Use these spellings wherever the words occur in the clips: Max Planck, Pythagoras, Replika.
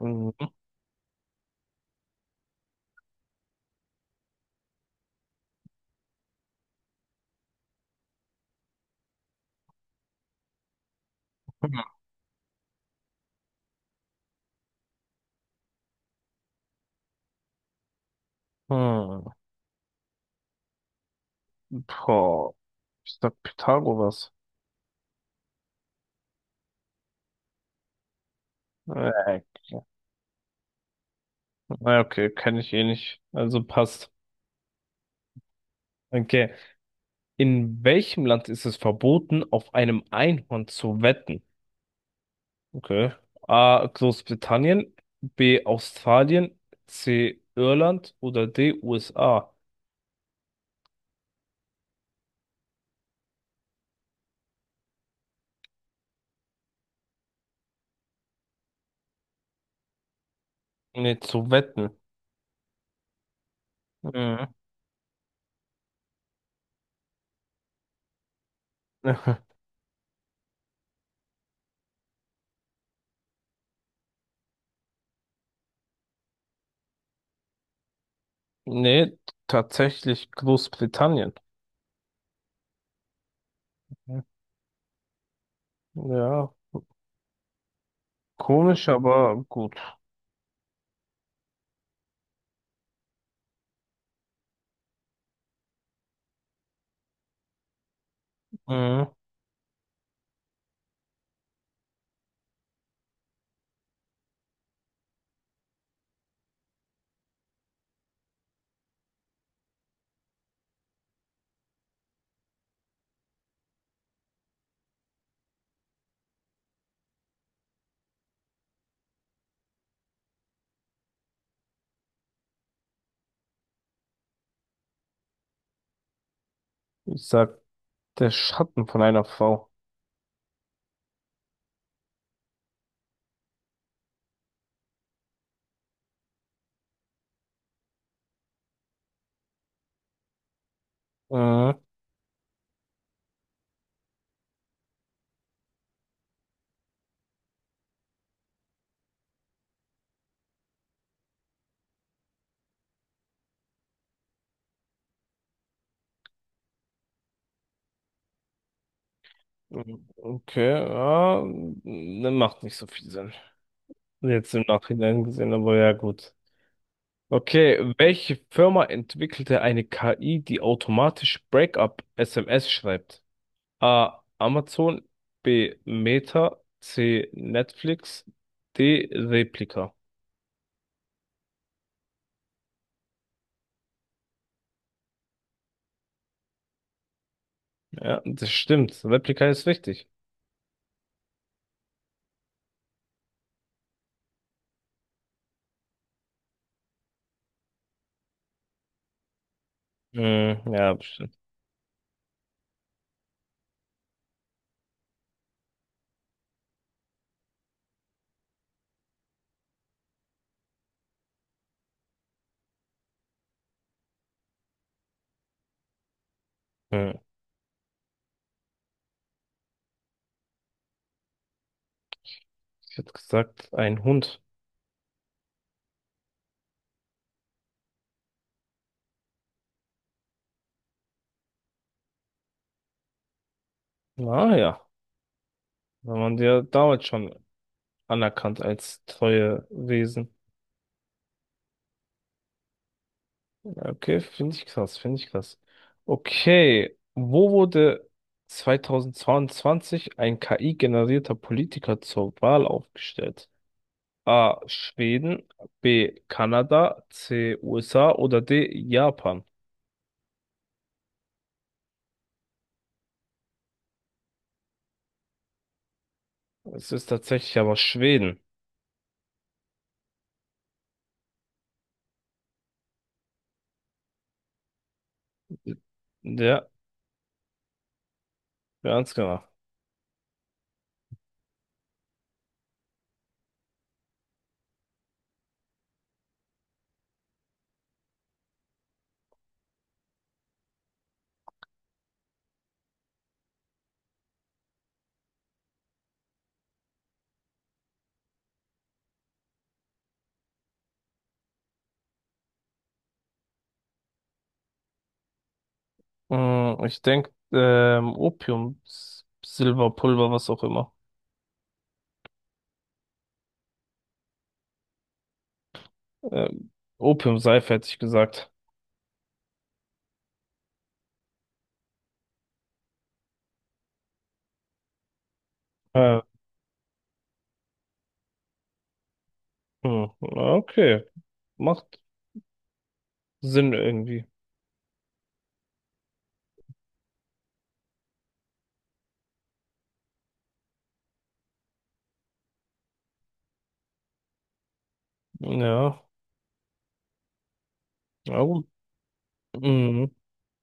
Mhm. Hm. Boah. Ich sag Pythagoras. Äh, na, okay, kenne ich eh nicht. Also passt. Okay. In welchem Land ist es verboten, auf einem Einhorn zu wetten? Okay. A. Großbritannien, B. Australien, C. Irland oder D. USA. Nee, zu wetten. Mhm. Nee, tatsächlich Großbritannien. Ja, komisch, aber gut. Mhm. Ich sag der Schatten von einer Frau. Äh, okay, ja, ne, macht nicht so viel Sinn. Jetzt im Nachhinein gesehen, aber ja gut. Okay, welche Firma entwickelte eine KI, die automatisch Breakup-SMS schreibt? A. Amazon, B. Meta, C. Netflix, D. Replika. Ja, das stimmt. Replika ist richtig. Hm, ja, bestimmt. Hm. Ich hätte gesagt, ein Hund. Naja, wenn man dir damals schon anerkannt als treue Wesen. Okay, finde ich krass, finde ich krass. Okay, wo wurde 2022 ein KI-generierter Politiker zur Wahl aufgestellt? A. Schweden, B. Kanada, C. USA oder D. Japan? Es ist tatsächlich aber Schweden. Ja, ganz genau. Mm, ich denke, Opium, Silberpulver, was auch immer. Ähm, Opiumseife hätte ich gesagt. Äh, Hm, okay. Macht Sinn irgendwie. Ja. Ja, gut. Mhm.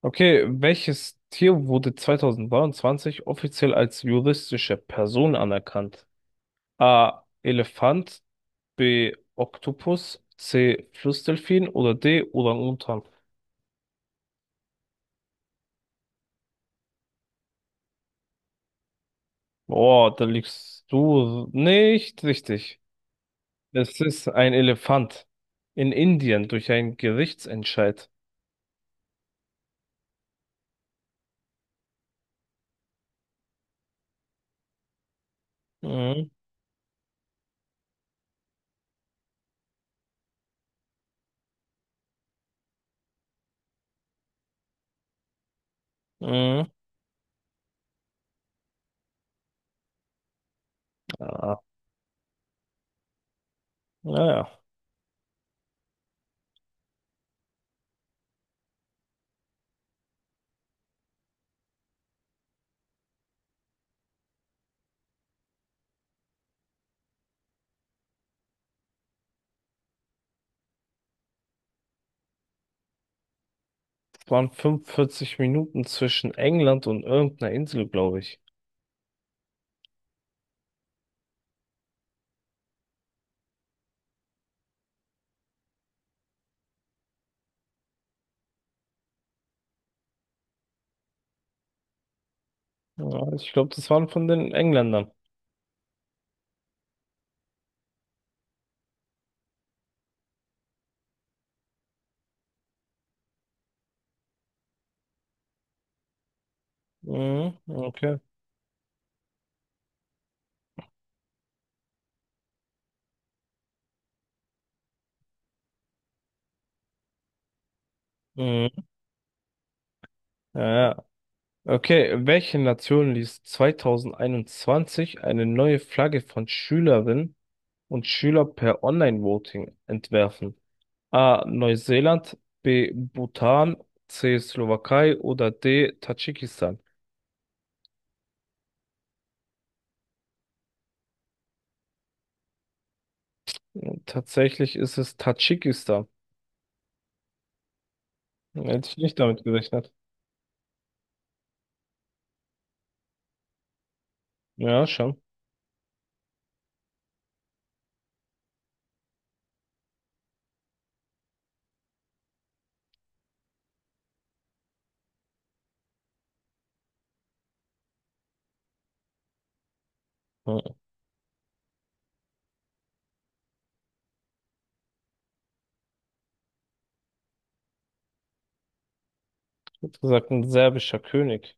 Okay, welches Tier wurde 2023 offiziell als juristische Person anerkannt? A. Elefant, B. Oktopus, C. Flussdelfin oder D. Orang-Utan? Boah, da liegst du nicht richtig. Es ist ein Elefant in Indien durch einen Gerichtsentscheid. Mhm. Mhm. Ah, naja. Waren 45 Minuten zwischen England und irgendeiner Insel, glaube ich. Ja, ich glaube, das waren von den Engländern. Mhm, okay. Mhm. Ja, ja. Okay, welche Nation ließ 2021 eine neue Flagge von Schülerinnen und Schülern per Online-Voting entwerfen? A. Neuseeland, B. Bhutan, C. Slowakei oder D. Tadschikistan? Tatsächlich ist es Tadschikistan. Hätte ich nicht damit gerechnet. Ja, schon. Ja. Hat gesagt, ein serbischer König.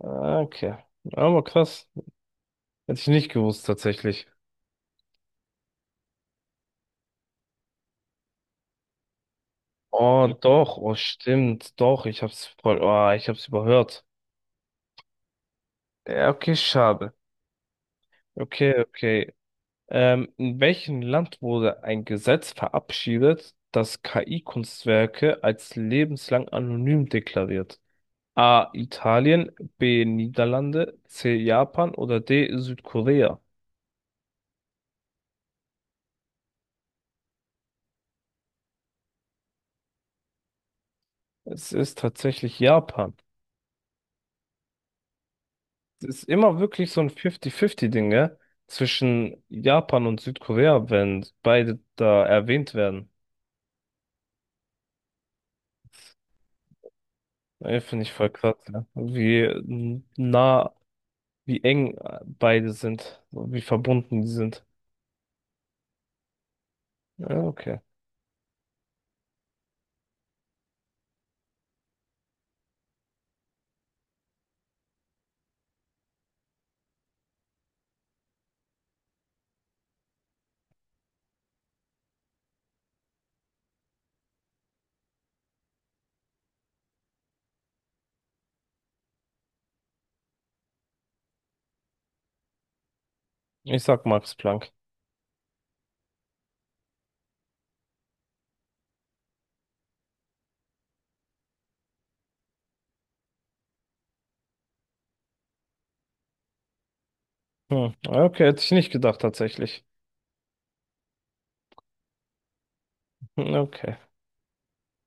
Ah, okay. Aber krass. Hätte ich nicht gewusst, tatsächlich. Oh, doch. Oh, stimmt. Doch, ich hab's voll, oh, ich hab's überhört. Ja, okay, schade. Okay, okay. In welchem Land wurde ein Gesetz verabschiedet, das KI-Kunstwerke als lebenslang anonym deklariert? A. Italien, B. Niederlande, C. Japan oder D. Südkorea? Es ist tatsächlich Japan. Es ist immer wirklich so ein 50-50-Ding, gell? Zwischen Japan und Südkorea, wenn beide da erwähnt werden. Ey, finde ich voll krass, ja. Wie nah, wie eng beide sind, wie verbunden die sind. Ja, okay. Ich sag Max Planck. Hm. Ja, okay, hätte ich nicht gedacht, tatsächlich. Hm, okay.